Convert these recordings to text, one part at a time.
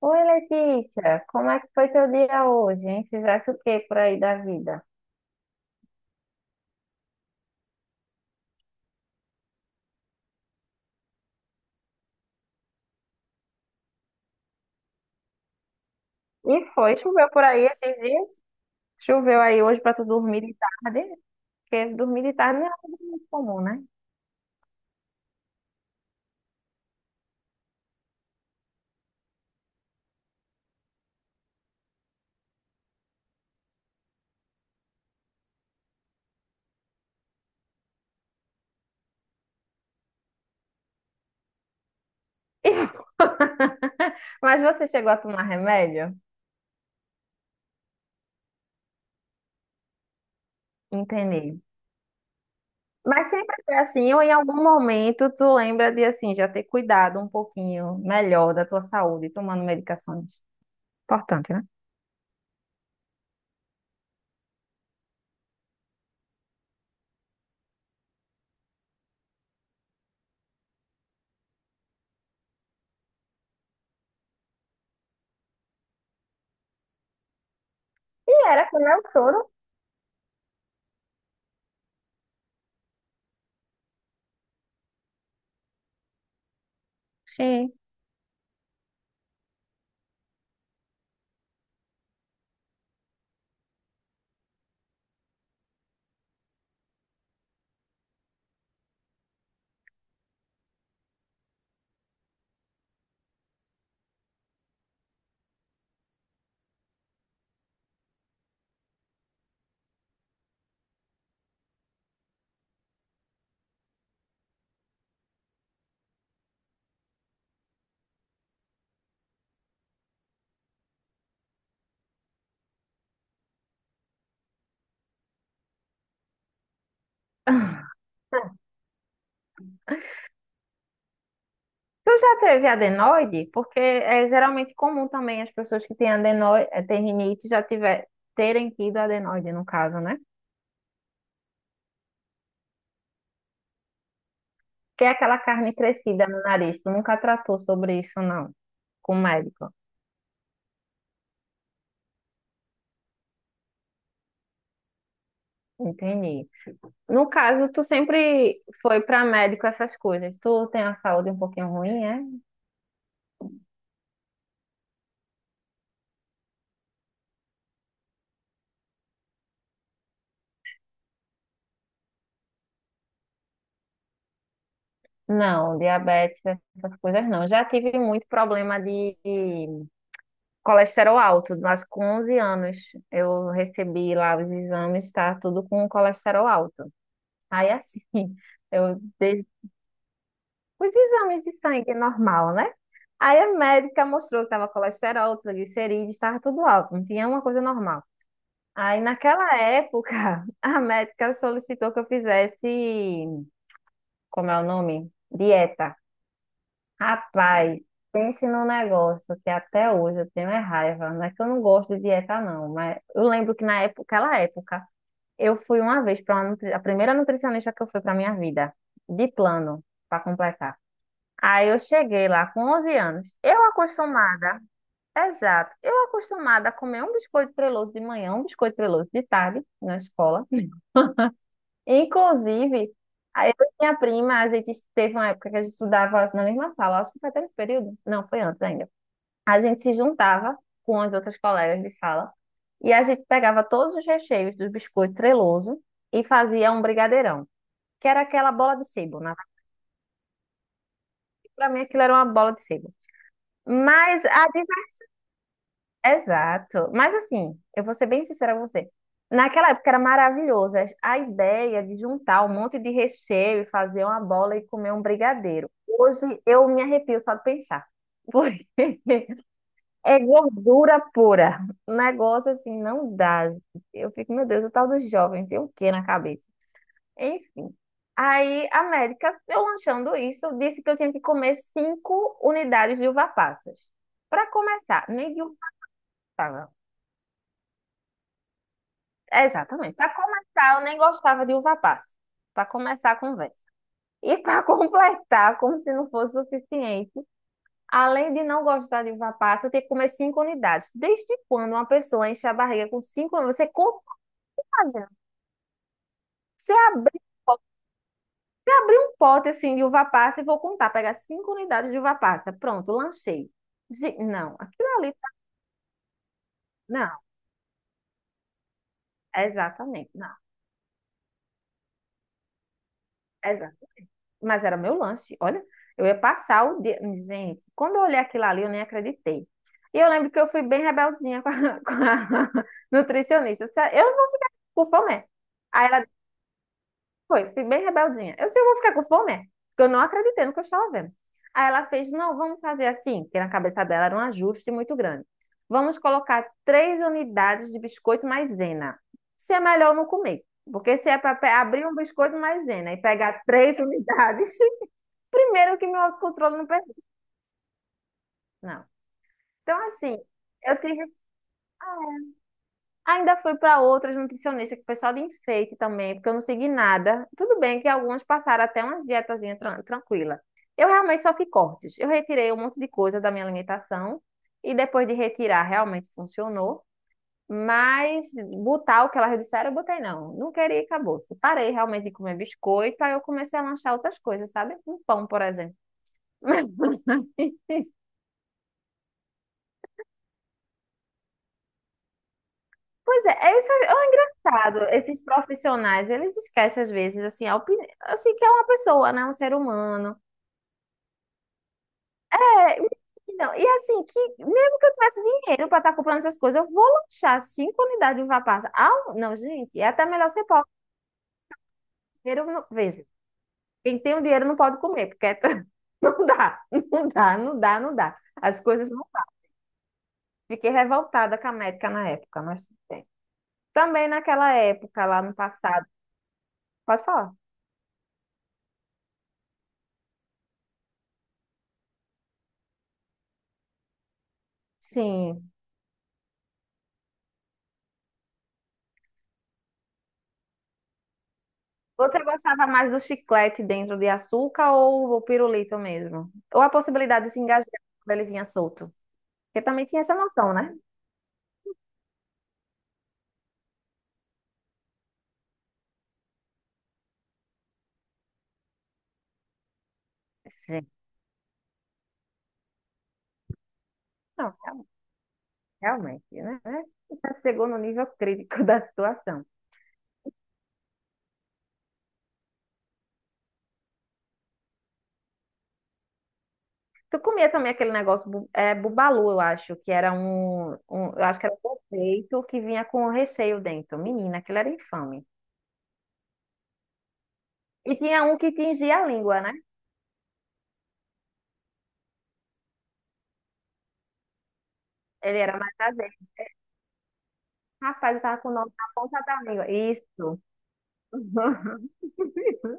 Oi, Letícia, como é que foi teu dia hoje, hein? Fizesse o que por aí da vida? E foi, choveu por aí esses dias? Choveu aí hoje pra tu dormir de tarde? Porque dormir de tarde não é algo muito comum, né? Mas você chegou a tomar remédio? Entendi. Mas sempre foi assim, ou em algum momento tu lembra de assim, já ter cuidado um pouquinho melhor da tua saúde, tomando medicações. Importante, né? E era com o meu soro. Sim. Tu já teve adenoide? Porque é geralmente comum também as pessoas que têm adenoide, têm rinite já tiver, terem tido adenoide, no caso, né? Que é aquela carne crescida no nariz. Tu nunca tratou sobre isso, não, com o médico. Entendi. No caso, tu sempre foi para médico essas coisas. Tu tem a saúde um pouquinho ruim, é? Não, diabetes, essas coisas não. Já tive muito problema de colesterol alto, mas com 11 anos eu recebi lá os exames, tá tudo com colesterol alto. Aí assim, eu dei os exames de sangue normal, né? Aí a médica mostrou que tava colesterol, triglicerídeos, estava tudo alto, não tinha uma coisa normal. Aí naquela época, a médica solicitou que eu fizesse, como é o nome? Dieta. Rapaz, pense num negócio que até hoje eu tenho é raiva. Não é que eu não gosto de dieta, não, mas eu lembro que na época, aquela época, eu fui uma vez para uma nutri... a primeira nutricionista que eu fui para minha vida, de plano, para completar. Aí eu cheguei lá com 11 anos. Eu acostumada, exato, eu acostumada a comer um biscoito treloso de manhã, um biscoito treloso de tarde na escola. Inclusive, aí eu e minha prima, a gente teve uma época que a gente estudava na mesma sala, acho que foi até nesse período. Não, foi antes ainda. A gente se juntava com as outras colegas de sala e a gente pegava todos os recheios do biscoito treloso e fazia um brigadeirão, que era aquela bola de sebo. Na para mim aquilo era uma bola de sebo. Mas a diver- Exato. Mas assim, eu vou ser bem sincera com você. Naquela época era maravilhoso a ideia de juntar um monte de recheio e fazer uma bola e comer um brigadeiro. Hoje eu me arrepio só de pensar. É gordura pura. Um negócio assim não dá. Gente. Eu fico, meu Deus, o tal do jovem tem o quê na cabeça? Enfim. Aí, América, eu lanchando isso, disse que eu tinha que comer cinco unidades de uva passas. Para começar, nem de uva passa. Exatamente. Para começar, eu nem gostava de uva passa. Para começar a conversa. E para completar, como se não fosse suficiente, além de não gostar de uva passa, eu tenho que comer cinco unidades. Desde quando uma pessoa enche a barriga com cinco? Você Imagina, Você abrir, abrir um pote assim de uva passa e vou contar, pegar cinco unidades de uva passa. Pronto, lanchei. Não, aquilo ali. Não, exatamente, não, exato. Mas era meu lanche. Olha, eu ia passar o dia. Gente, quando eu olhei aquilo ali, eu nem acreditei. E eu lembro que eu fui bem rebeldinha com a, com a nutricionista. Eu disse, "Ah, eu não vou ficar com fome." Aí ela foi, fui bem rebeldinha. Eu sei, eu vou ficar com fome, é? Porque eu não acreditei no que eu estava vendo. Aí ela fez, não, vamos fazer assim, porque na cabeça dela era um ajuste muito grande. Vamos colocar três unidades de biscoito maisena. Se é melhor não comer, porque se é para abrir um biscoito maisena e pegar três unidades, primeiro que meu autocontrole não permite. Não. Então, assim, eu tive ainda fui para outras nutricionistas, que o pessoal de enfeite também, porque eu não segui nada. Tudo bem que algumas passaram até umas dietazinhas tranquila. Eu realmente só fiz cortes. Eu retirei um monte de coisa da minha alimentação e depois de retirar realmente funcionou. Mas botar o que elas disseram, eu botei não. Não queria e acabou. Parei realmente de comer biscoito, aí eu comecei a lanchar outras coisas, sabe? Um pão, por exemplo. Pois é, é, isso é, é um engraçado. Esses profissionais, eles esquecem às vezes, assim, a opinião, assim, que é uma pessoa, né? Um ser humano. É, não, e assim, que mesmo que eu tivesse dinheiro para estar comprando essas coisas, eu vou lanchar cinco unidades de vapaça. Não, gente, é até melhor ser pobre. Dinheiro, não- Veja, quem tem o dinheiro não pode comer, porque é não dá, não dá, não dá, não dá. As coisas não. Fiquei revoltada com a médica na época, mas tudo bem. Também naquela época, lá no passado. Pode falar? Sim. Você gostava mais do chiclete dentro de açúcar ou o pirulito mesmo? Ou a possibilidade de se engasgar quando ele vinha solto? Porque também tinha essa noção, né? Gente, não, realmente, né? Né? Já chegou no nível crítico da situação. Tu comia também aquele negócio, bubalu, eu acho, que era eu acho que era um peito que vinha com o recheio dentro. Menina, aquilo era infame. E tinha um que tingia a língua, né? Ele era mais azedo. Rapaz, eu tava com o nome na ponta da língua. Isso.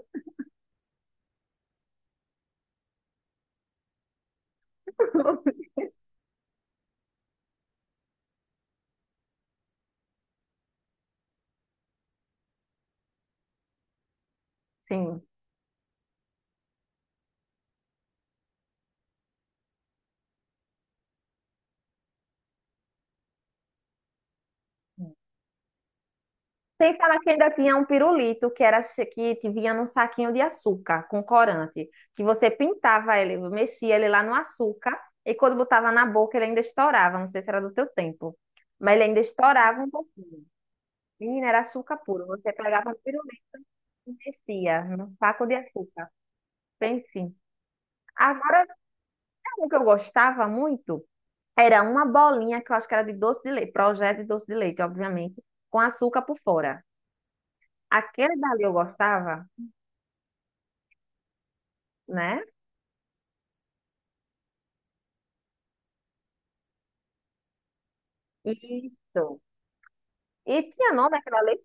Sim. Sem falar que ainda tinha um pirulito que te vinha num saquinho de açúcar com corante, que você pintava ele, mexia ele lá no açúcar e quando botava na boca ele ainda estourava. Não sei se era do teu tempo, mas ele ainda estourava um pouquinho. Menina, era açúcar puro. Você pegava o pirulito e mexia num saco de açúcar. Pense. Agora, sabe um que eu gostava muito, era uma bolinha que eu acho que era de doce de leite, projeto de doce de leite, obviamente, com açúcar por fora. Aquele dali eu gostava, né? Isso. E tinha nome aquela lei?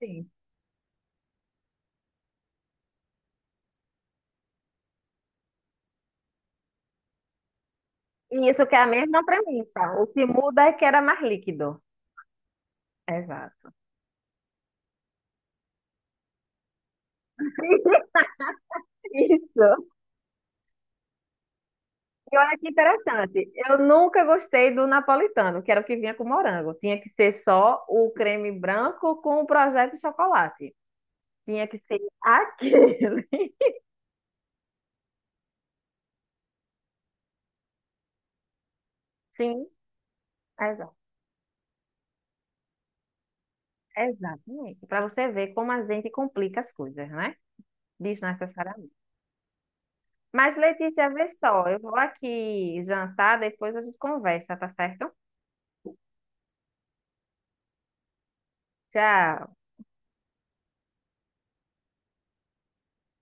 Sim. E isso que é a mesma premissa. O que muda é que era mais líquido. Exato. Isso. E olha que interessante. Eu nunca gostei do napolitano, que era o que vinha com morango. Tinha que ser só o creme branco com o projeto de chocolate. Tinha que ser aquele. Sim, exato. Exatamente. Para você ver como a gente complica as coisas, né? Desnecessariamente. Mas, Letícia, vê só, eu vou aqui jantar, depois a gente conversa, tá certo? Tchau.